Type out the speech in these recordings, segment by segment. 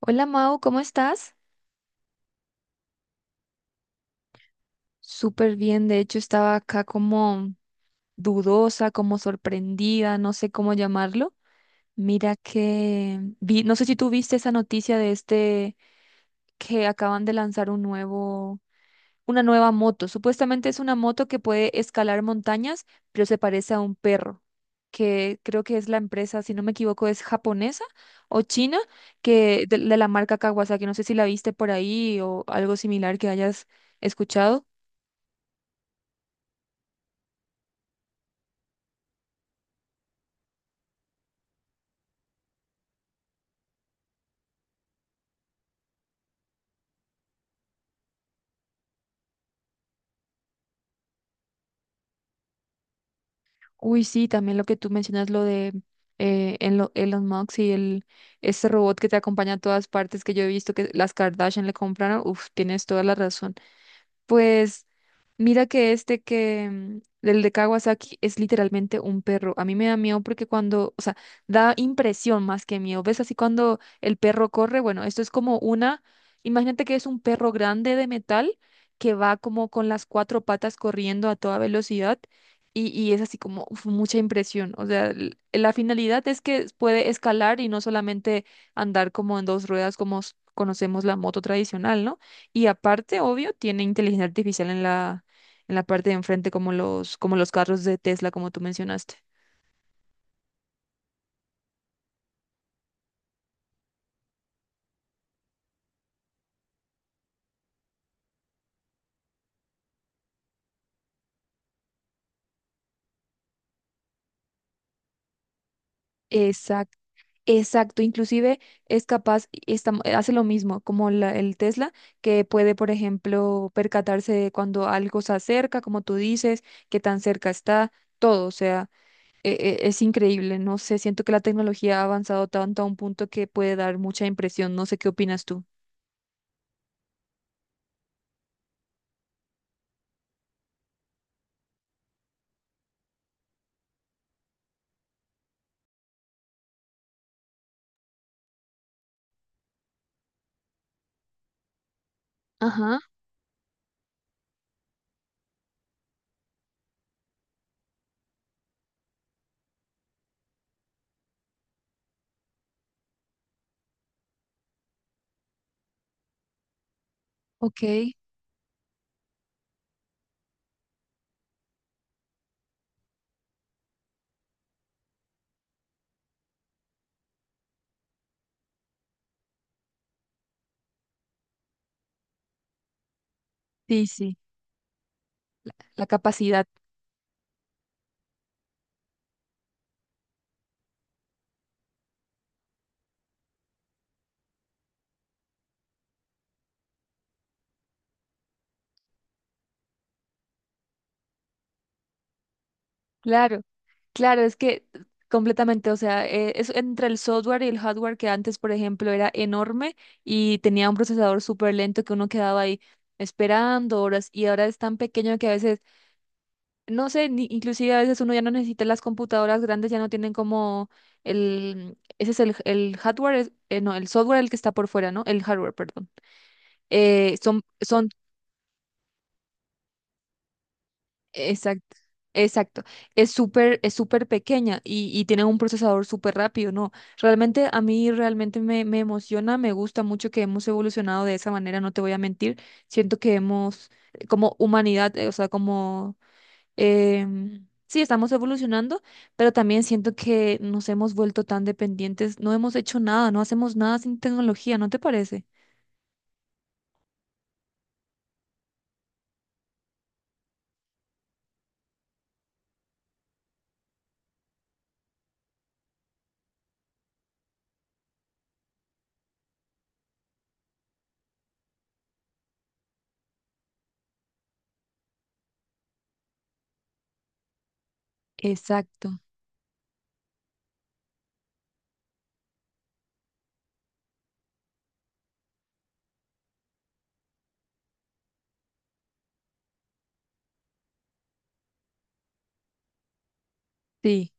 Hola Mau, ¿cómo estás? Súper bien, de hecho estaba acá como dudosa, como sorprendida, no sé cómo llamarlo. Mira que vi, no sé si tú viste esa noticia de este que acaban de lanzar un nuevo, una nueva moto. Supuestamente es una moto que puede escalar montañas, pero se parece a un perro, que creo que es la empresa, si no me equivoco, es japonesa o china, que de la marca Kawasaki. No sé si la viste por ahí o algo similar que hayas escuchado. Uy, sí, también lo que tú mencionas, lo de Elon Musk y el, ese robot que te acompaña a todas partes que yo he visto que las Kardashian le compraron, uf, tienes toda la razón. Pues mira que este que, el de Kawasaki es literalmente un perro. A mí me da miedo porque cuando, o sea, da impresión más que miedo. ¿Ves así cuando el perro corre? Bueno, esto es como una, imagínate que es un perro grande de metal que va como con las cuatro patas corriendo a toda velocidad y es así como uf, mucha impresión. O sea, la finalidad es que puede escalar y no solamente andar como en dos ruedas como conocemos la moto tradicional, ¿no? Y aparte, obvio, tiene inteligencia artificial en la parte de enfrente, como los carros de Tesla, como tú mencionaste. Exacto. Exacto, inclusive es capaz, hace lo mismo como el Tesla, que puede, por ejemplo, percatarse de cuando algo se acerca, como tú dices, qué tan cerca está, todo, o sea, e- es increíble, no sé, siento que la tecnología ha avanzado tanto a un punto que puede dar mucha impresión, no sé qué opinas tú. Ajá, ok, sí, sí, la capacidad. Claro, claro, es que completamente, o sea, es entre el software y el hardware que antes, por ejemplo, era enorme y tenía un procesador súper lento que uno quedaba ahí esperando horas y ahora es tan pequeño que a veces, no sé, ni, inclusive a veces uno ya no necesita las computadoras grandes, ya no tienen como el, ese es el hardware, no, el software el que está por fuera, ¿no? El hardware, perdón. Son, son exacto, exacto. Es súper pequeña y tiene un procesador súper rápido, ¿no? Realmente a mí realmente me, me emociona, me gusta mucho que hemos evolucionado de esa manera, no te voy a mentir. Siento que hemos, como humanidad, o sea, como, sí, estamos evolucionando, pero también siento que nos hemos vuelto tan dependientes, no hemos hecho nada, no hacemos nada sin tecnología, ¿no te parece? Exacto, sí,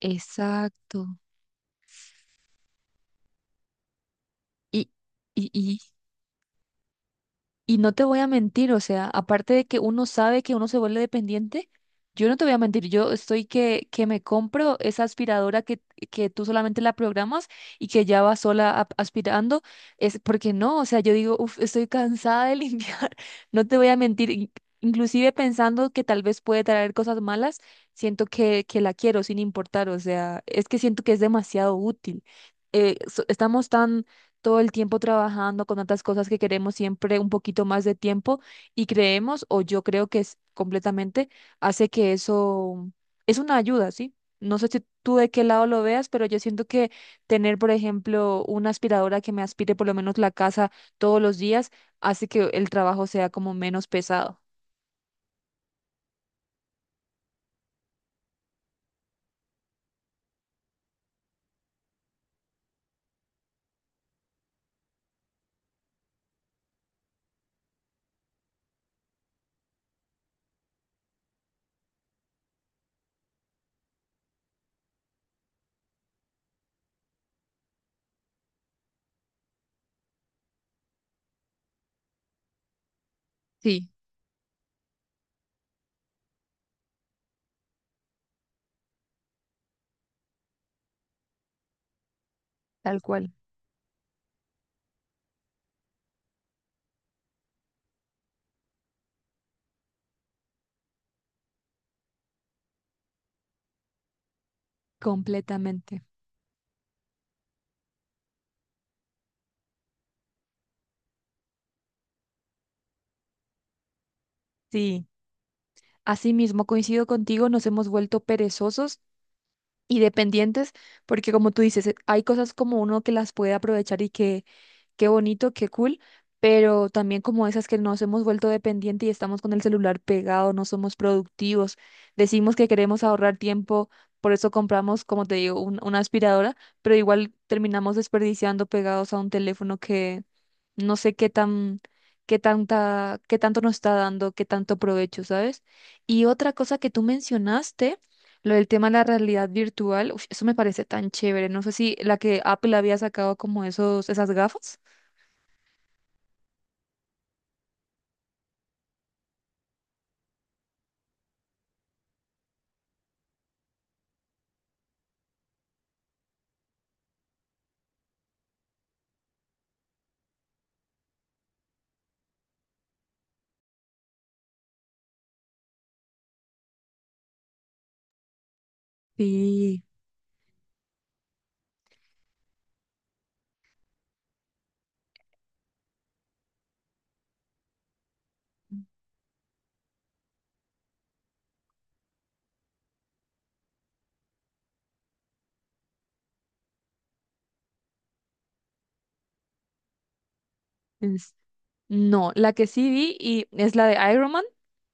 exacto. Y, y, y, y no te voy a mentir, o sea, aparte de que uno sabe que uno se vuelve dependiente, yo no te voy a mentir, yo estoy que me compro esa aspiradora que tú solamente la programas y que ya va sola aspirando, es porque no, o sea, yo digo, uff, estoy cansada de limpiar, no te voy a mentir, inclusive pensando que tal vez puede traer cosas malas, siento que la quiero sin importar, o sea, es que siento que es demasiado útil. Estamos tan todo el tiempo trabajando con tantas cosas que queremos siempre un poquito más de tiempo y creemos, o yo creo que es completamente, hace que eso es una ayuda, ¿sí? No sé si tú de qué lado lo veas, pero yo siento que tener, por ejemplo, una aspiradora que me aspire por lo menos la casa todos los días hace que el trabajo sea como menos pesado. Sí, tal cual. Completamente. Sí, así mismo coincido contigo, nos hemos vuelto perezosos y dependientes, porque como tú dices, hay cosas como uno que las puede aprovechar y que qué bonito, qué cool, pero también como esas que nos hemos vuelto dependientes y estamos con el celular pegado, no somos productivos, decimos que queremos ahorrar tiempo, por eso compramos, como te digo, una aspiradora, pero igual terminamos desperdiciando pegados a un teléfono que no sé qué tan, qué tanta, qué tanto nos está dando, qué tanto provecho, ¿sabes? Y otra cosa que tú mencionaste, lo del tema de la realidad virtual, uf, eso me parece tan chévere. No sé si la que Apple había sacado como esos, esas gafas. Sí. es- No, la que sí vi y es la de Iron Man.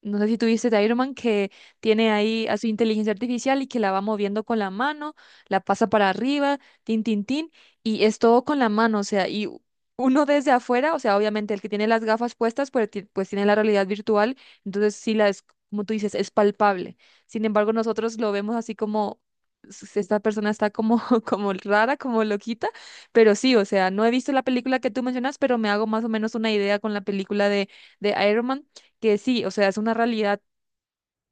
No sé si tú viste de Iron Man que tiene ahí a su inteligencia artificial y que la va moviendo con la mano, la pasa para arriba, tin, tin, tin, y es todo con la mano, o sea, uno desde afuera, o sea, obviamente el que tiene las gafas puestas, pues, pues tiene la realidad virtual, entonces sí la es, como tú dices, es palpable. Sin embargo, nosotros lo vemos así como, esta persona está como, como rara, como loquita. Pero sí, o sea, no he visto la película que tú mencionas, pero me hago más o menos una idea con la película de Iron Man, que sí, o sea, es una realidad,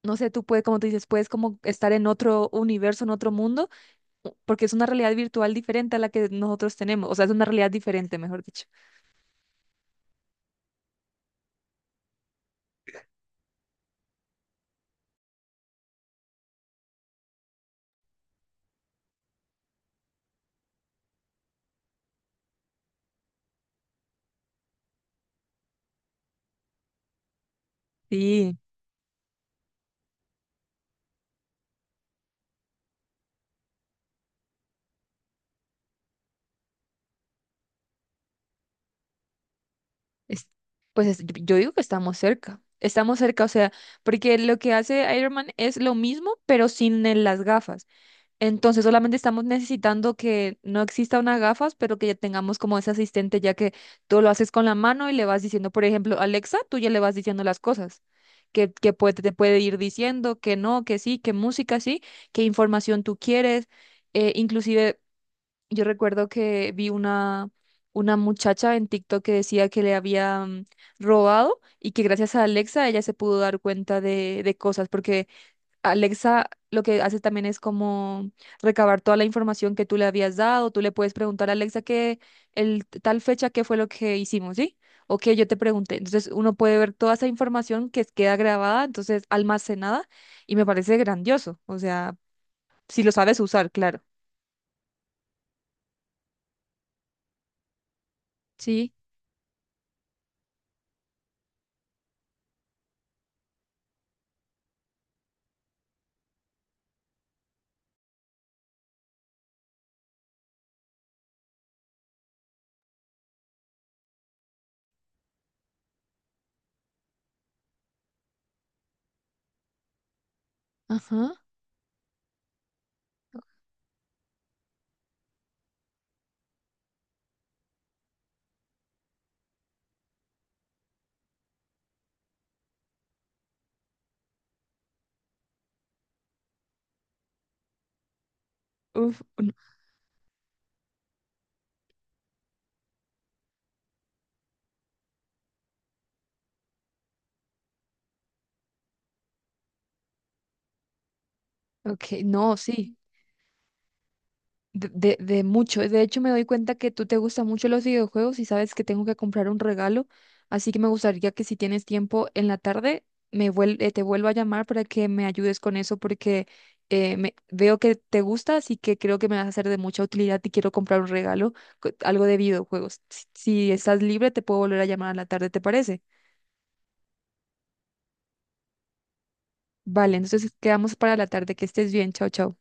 no sé, tú puedes, como tú dices, puedes como estar en otro universo, en otro mundo, porque es una realidad virtual diferente a la que nosotros tenemos, o sea, es una realidad diferente, mejor dicho. Sí, es- yo digo que estamos cerca, o sea, porque lo que hace Iron Man es lo mismo, pero sin las gafas. Entonces solamente estamos necesitando que no exista una gafas, pero que ya tengamos como ese asistente, ya que tú lo haces con la mano y le vas diciendo, por ejemplo, Alexa, tú ya le vas diciendo las cosas, que puede, te puede ir diciendo que no, que sí, que música sí, qué información tú quieres. Inclusive yo recuerdo que vi una muchacha en TikTok que decía que le habían robado y que gracias a Alexa ella se pudo dar cuenta de cosas, porque Alexa lo que hace también es como recabar toda la información que tú le habías dado. Tú le puedes preguntar a Alexa que tal fecha qué fue lo que hicimos, ¿sí? O que yo te pregunté. Entonces uno puede ver toda esa información que queda grabada, entonces almacenada, y me parece grandioso. O sea, si lo sabes usar, claro. Sí, ajá. Uf, ok, no, sí. De mucho. De hecho, me doy cuenta que tú te gustan mucho los videojuegos y sabes que tengo que comprar un regalo. Así que me gustaría que si tienes tiempo en la tarde, te vuelva a llamar para que me ayudes con eso porque veo que te gusta, así que creo que me vas a ser de mucha utilidad y quiero comprar un regalo, algo de videojuegos. Si, si estás libre, te puedo volver a llamar a la tarde, ¿te parece? Vale, entonces quedamos para la tarde. Que estés bien. Chao, chao.